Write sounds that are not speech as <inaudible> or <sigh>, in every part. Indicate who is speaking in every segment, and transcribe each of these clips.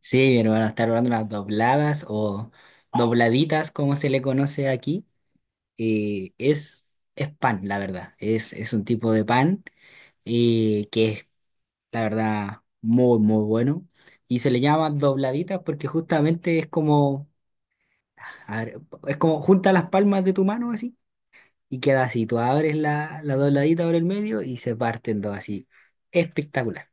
Speaker 1: Sí, mi hermano, está probando unas dobladas o dobladitas, como se le conoce aquí. Eh, es, es pan, la verdad. Es un tipo de pan que es, la verdad, muy, muy bueno. Y se le llama dobladitas porque justamente es como, a ver, es como junta las palmas de tu mano así y queda así. Tú abres la dobladita por el medio y se parten dos así. Espectacular.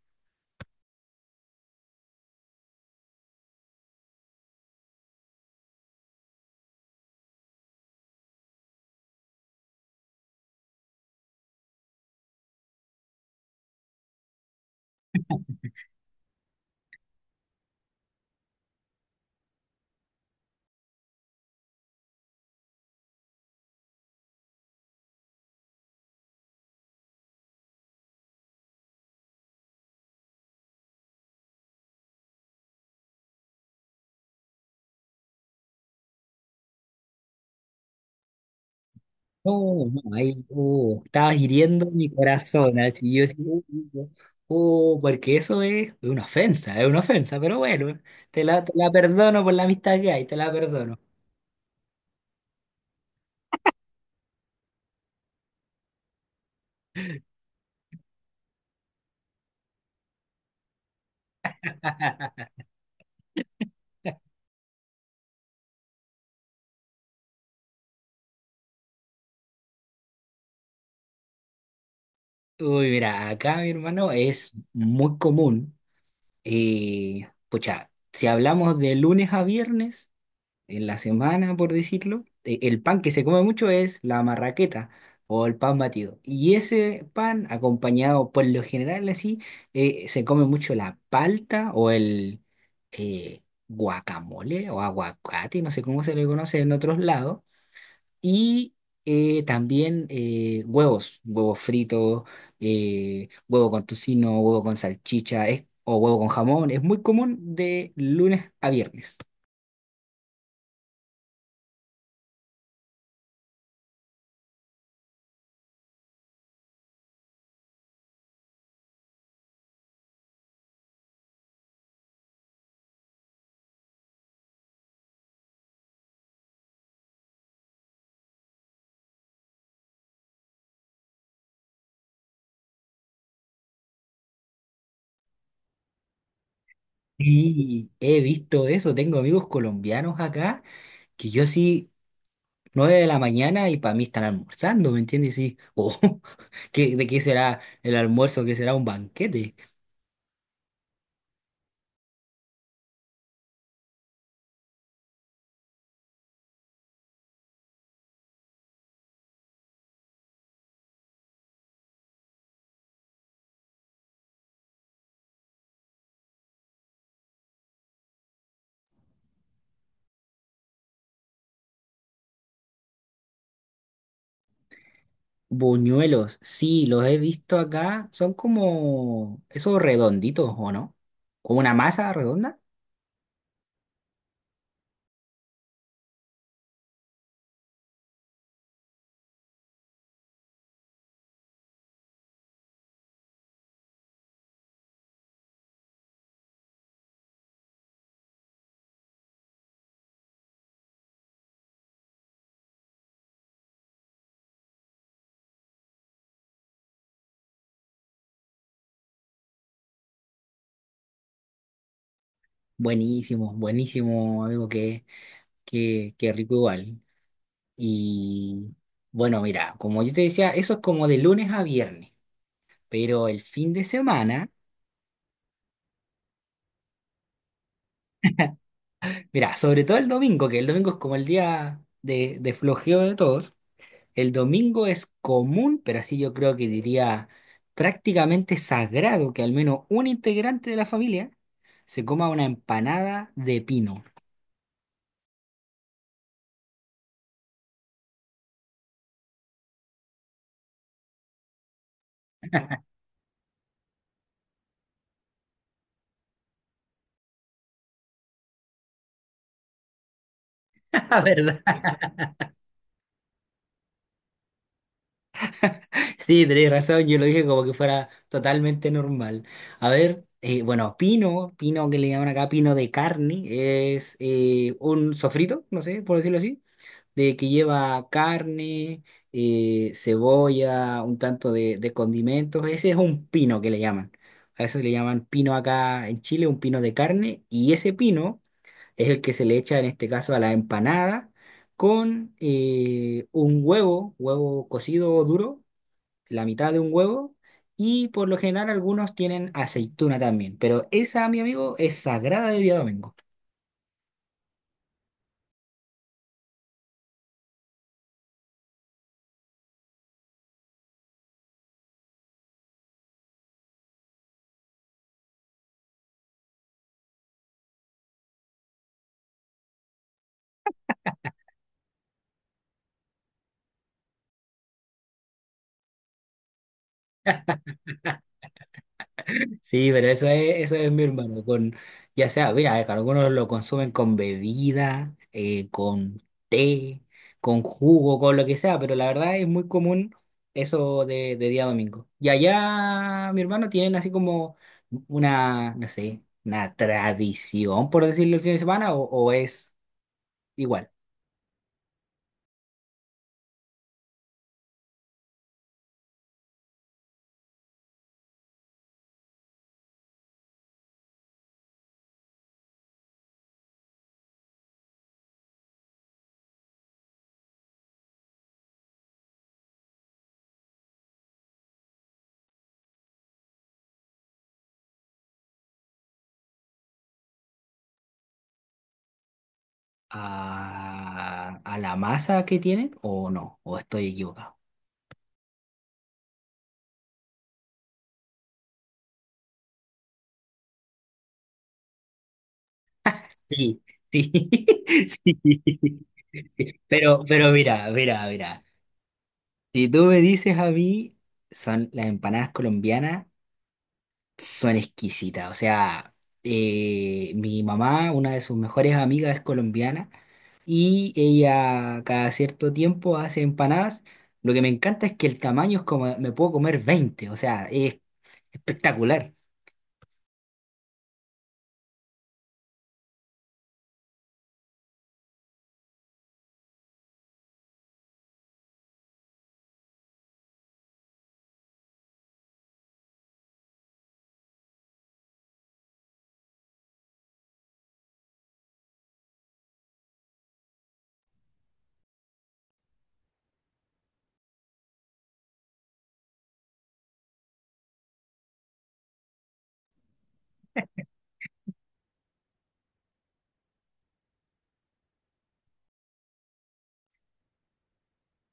Speaker 1: No, no, ahí, estabas hiriendo mi corazón, así yo así, uh, porque eso es una ofensa, pero bueno, te la perdono por la amistad que hay, te la perdono. Uy, mira, acá mi hermano es muy común, pucha, si hablamos de lunes a viernes, en la semana, por decirlo, el pan que se come mucho es la marraqueta o el pan batido. Y ese pan, acompañado por lo general así, se come mucho la palta o el guacamole o aguacate, no sé cómo se le conoce en otros lados. Y también huevos, huevos fritos, huevo con tocino, huevo con salchicha, o huevo con jamón. Es muy común de lunes a viernes. Y he visto eso, tengo amigos colombianos acá que yo sí, 9 de la mañana y para mí están almorzando, ¿me entiendes? Y sí, oh, <laughs> de qué será el almuerzo? ¿Qué será un banquete? Buñuelos, sí, los he visto acá, son como esos redonditos, ¿o no? Como una masa redonda. Buenísimo, buenísimo, amigo, que qué rico igual. Y bueno, mira, como yo te decía, eso es como de lunes a viernes, pero el fin de semana... Mirá, sobre todo el domingo, que el domingo es como el día de flojeo de todos. El domingo es común, pero así yo creo que diría prácticamente sagrado que al menos un integrante de la familia se coma una empanada de pino. <laughs> Ah, ¿verdad? Sí, tenés razón, yo lo dije como que fuera totalmente normal. A ver, bueno, pino, pino que le llaman acá, pino de carne, es un sofrito, no sé, por decirlo así de que lleva carne, cebolla, un tanto de condimentos. Ese es un pino que le llaman. A eso le llaman pino acá en Chile, un pino de carne. Y ese pino es el que se le echa en este caso a la empanada con un huevo, huevo cocido o duro, la mitad de un huevo. Y por lo general algunos tienen aceituna también. Pero esa, mi amigo, es sagrada de día domingo. Sí, pero eso es mi hermano, con, ya sea, mira, que algunos lo consumen con bebida, con té, con jugo, con lo que sea, pero la verdad es muy común eso de día domingo. Y allá, mi hermano, tienen así como una, no sé, una tradición, por decirlo, el fin de semana, o es igual a la masa que tienen, o no, o estoy equivocado. Sí, sí, <laughs> sí. Pero mira, mira, mira. Si tú me dices a mí, son las empanadas colombianas, son exquisitas. O sea, mi mamá, una de sus mejores amigas, es colombiana y ella cada cierto tiempo hace empanadas. Lo que me encanta es que el tamaño es como, me puedo comer 20, o sea, es espectacular.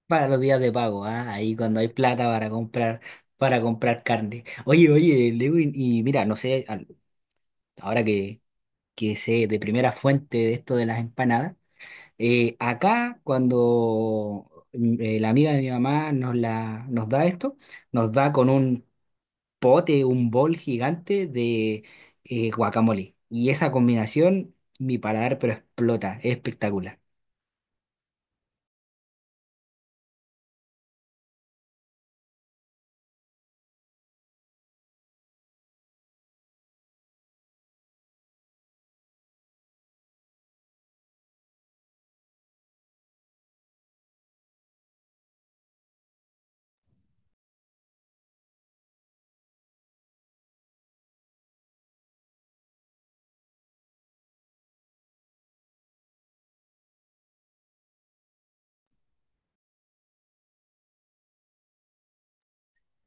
Speaker 1: Para los días de pago, ah, ahí cuando hay plata para comprar carne. Oye, oye, Lewin, y mira, no sé, ahora que, sé de primera fuente de esto de las empanadas, acá cuando la amiga de mi mamá nos da esto, nos da con un pote, un bol gigante de guacamole. Y esa combinación, mi paladar, pero explota, es espectacular.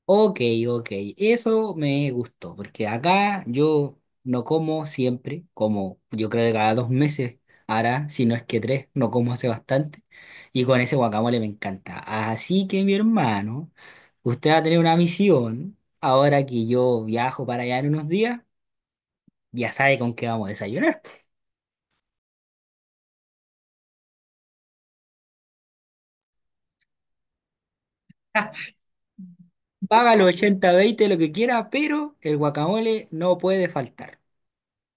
Speaker 1: Ok, ok, eso me gustó, porque acá yo no como siempre, como yo creo que cada 2 meses ahora, si no es que tres, no como hace bastante, y con ese guacamole me encanta. Así que mi hermano, usted va a tener una misión, ahora que yo viajo para allá en unos días, ya sabe con qué vamos a desayunar. Paga los 80-20 lo que quiera, pero el guacamole no puede faltar.